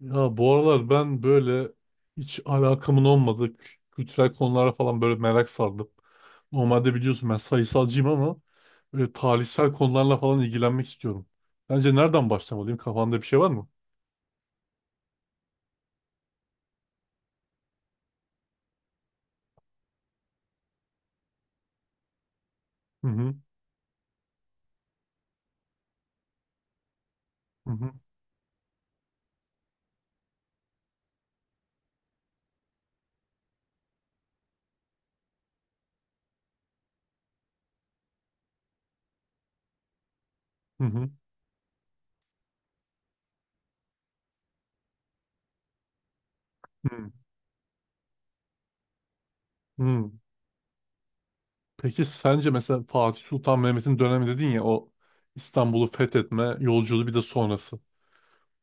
Ya bu aralar ben böyle hiç alakamın olmadığı kültürel konulara falan böyle merak sardım. Normalde biliyorsun ben sayısalcıyım ama böyle tarihsel konularla falan ilgilenmek istiyorum. Bence nereden başlamalıyım? Kafanda bir şey var mı? Hı hı hı hı hı hı hı. Hı. Peki sence mesela Fatih Sultan Mehmet'in dönemi dedin ya o İstanbul'u fethetme yolculuğu bir de sonrası.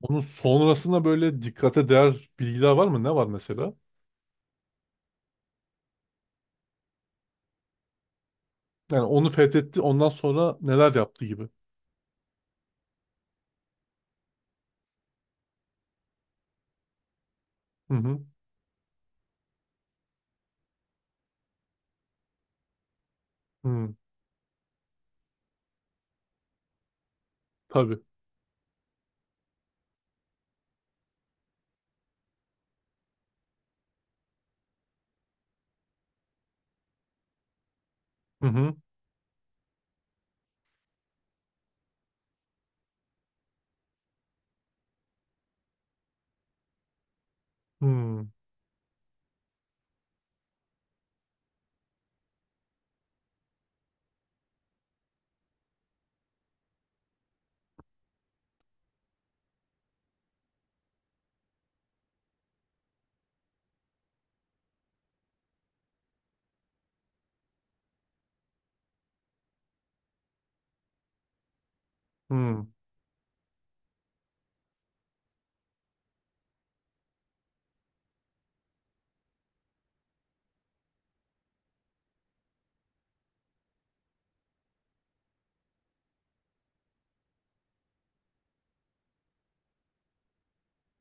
Onun sonrasında böyle dikkate değer bilgiler var mı? Ne var mesela? Yani onu fethetti ondan sonra neler yaptı gibi. Hı hı. Hı. Tabii. Hı hı. Hı. Hı.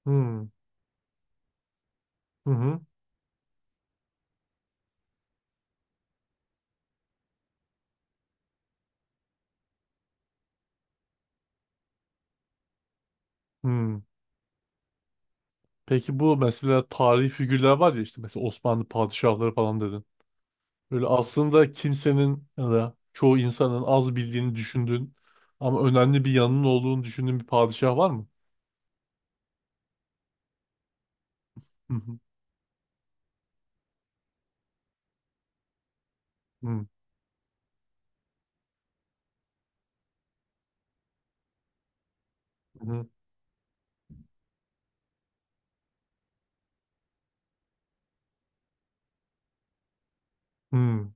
Hı. Hı hı. Hı. Peki bu mesela tarihi figürler var ya işte mesela Osmanlı padişahları falan dedin. Böyle aslında kimsenin ya da çoğu insanın az bildiğini düşündüğün ama önemli bir yanının olduğunu düşündüğün bir padişah var mı? Hı hı. Hı hı. Hı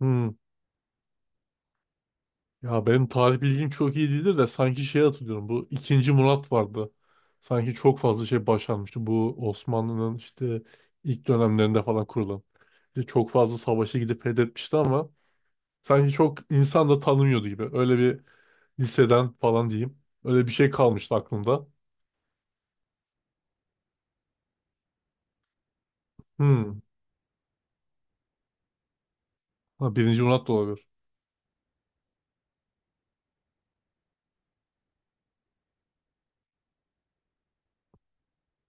hı. Ya benim tarih bilgim çok iyi değildir de sanki şey hatırlıyorum. Bu ikinci Murat vardı. Sanki çok fazla şey başarmıştı. Bu Osmanlı'nın işte ilk dönemlerinde falan kurulan. İşte çok fazla savaşa gidip fethetmişti ama sanki çok insan da tanımıyordu gibi. Öyle bir liseden falan diyeyim. Öyle bir şey kalmıştı aklımda. Hmm. Ha, birinci Murat da olabilir.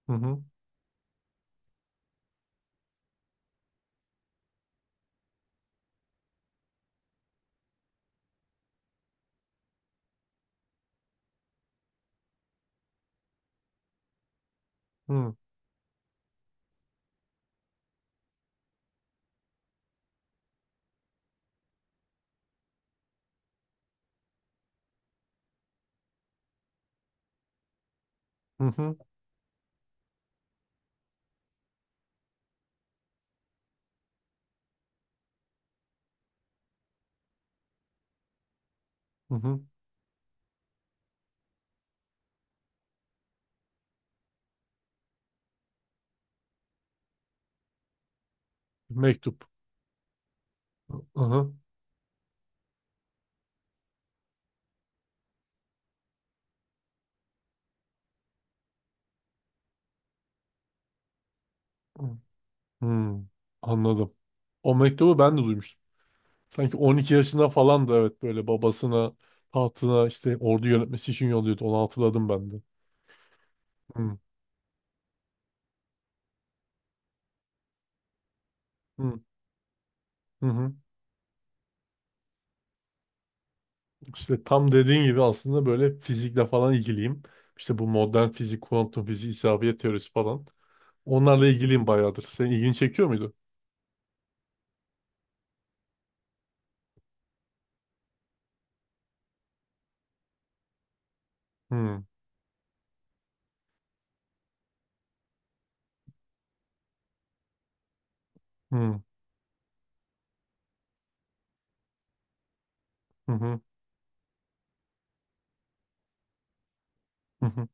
Hı hı. Hı hı. Hı hı. Hı. Mektup. Hı hı. Hı. Anladım. O mektubu ben de duymuştum. Sanki 12 yaşında falan da evet böyle babasına tahtına işte ordu yönetmesi için yolluyordu. Onu hatırladım ben de. Hı, hı, hı, hı. İşte tam dediğin gibi aslında böyle fizikle falan ilgiliyim. İşte bu modern fizik, kuantum fiziği, isabet teorisi falan. Onlarla ilgiliyim bayağıdır. Senin ilgini çekiyor muydu? Hı, hı, hı, hı, hı. Hı.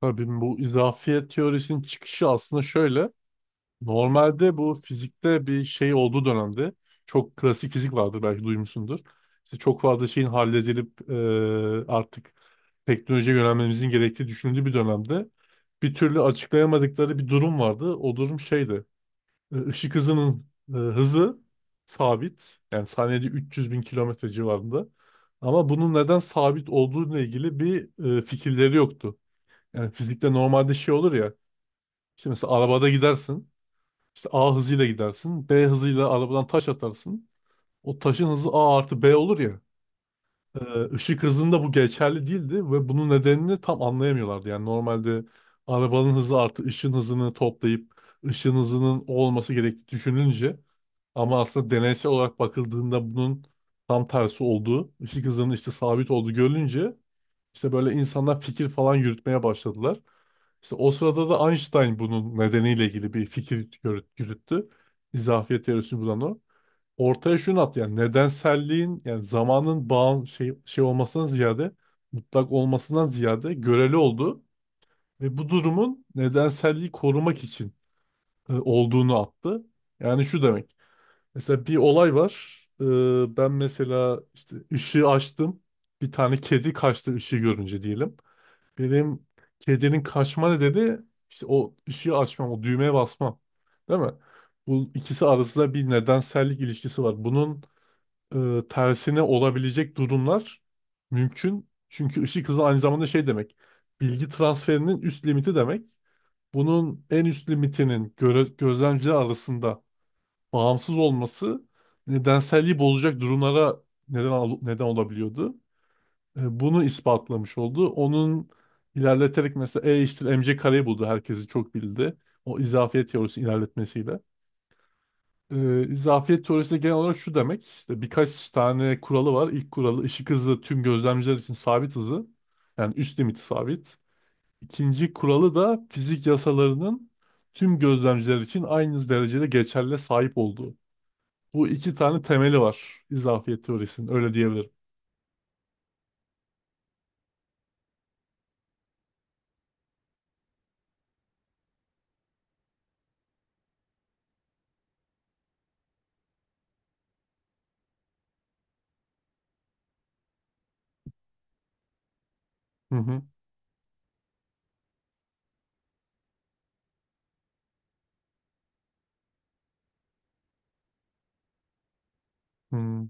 Tabii bu izafiyet teorisinin çıkışı aslında şöyle. Normalde bu fizikte bir şey olduğu dönemde çok klasik fizik vardır belki duymuşsundur. İşte çok fazla şeyin halledilip artık teknolojiye yönelmemizin gerektiği düşünüldüğü bir dönemde bir türlü açıklayamadıkları bir durum vardı. O durum şeydi. Işık hızının hızı sabit. Yani saniyede 300 bin kilometre civarında. Ama bunun neden sabit olduğuyla ilgili bir fikirleri yoktu. Yani fizikte normalde şey olur ya. İşte mesela arabada gidersin. İşte A hızıyla gidersin. B hızıyla arabadan taş atarsın. O taşın hızı A artı B olur ya. Ee, ışık hızında bu geçerli değildi ve bunun nedenini tam anlayamıyorlardı. Yani normalde arabanın hızı artı ışın hızını toplayıp ışın hızının o olması gerektiği düşünülünce ama aslında deneysel olarak bakıldığında bunun tam tersi olduğu, ışık hızının işte sabit olduğu görülünce işte böyle insanlar fikir falan yürütmeye başladılar. İşte o sırada da Einstein bunun nedeniyle ilgili bir fikir yürüttü. İzafiyet teorisini bulan o. Ortaya şunu attı yani nedenselliğin yani zamanın şey olmasından ziyade mutlak olmasından ziyade göreli oldu ve bu durumun nedenselliği korumak için olduğunu attı. Yani şu demek. Mesela bir olay var. Ben mesela işte ışığı açtım. Bir tane kedi kaçtı ışığı görünce diyelim. Benim kedinin kaçma nedeni işte o ışığı açmam, o düğmeye basmam. Değil mi? Bu ikisi arasında bir nedensellik ilişkisi var. Bunun tersine olabilecek durumlar mümkün. Çünkü ışık hızı aynı zamanda şey demek. Bilgi transferinin üst limiti demek. Bunun en üst limitinin gözlemciler arasında bağımsız olması nedenselliği bozacak durumlara neden olabiliyordu. Bunu ispatlamış oldu. Onun ilerleterek mesela E eşittir mc kareyi buldu. Herkesi çok bildi. O izafiyet teorisi ilerletmesiyle. E, izafiyet teorisi de genel olarak şu demek. İşte birkaç tane kuralı var. İlk kuralı ışık hızı tüm gözlemciler için sabit hızı. Yani üst limiti sabit. İkinci kuralı da fizik yasalarının tüm gözlemciler için aynı derecede geçerli sahip olduğu. Bu iki tane temeli var izafiyet teorisinin. Öyle diyebilirim. Hı hı. Hı.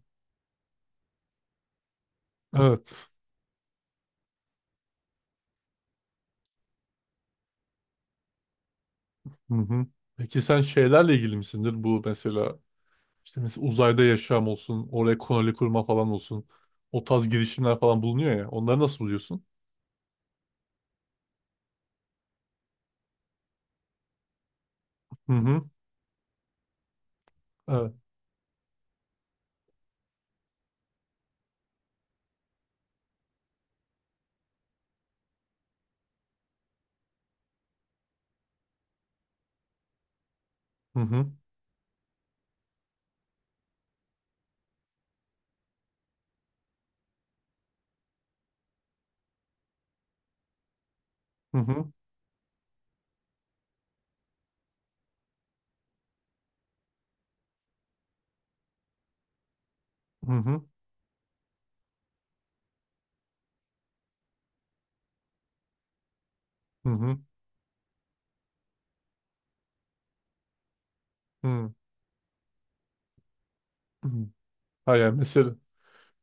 Evet. Hı hı. Peki sen şeylerle ilgili misindir? Bu mesela işte mesela uzayda yaşam olsun, oraya koloni kurma falan olsun. O tarz girişimler falan bulunuyor ya. Onları nasıl buluyorsun? Hı hı. Evet. Hı hı. Hı hı. Hı hı. Hı hı. Hı hı. Ha yani mesela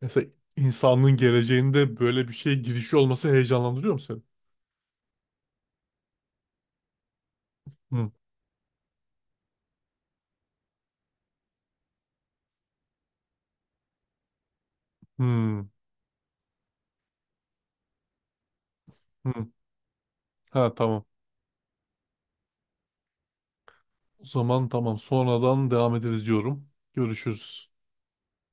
mesela insanlığın geleceğinde böyle bir şeye girişi olması heyecanlandırıyor mu seni? Hı. Hı. Hı. Ha tamam. O zaman tamam. Sonradan devam ederiz diyorum. Görüşürüz.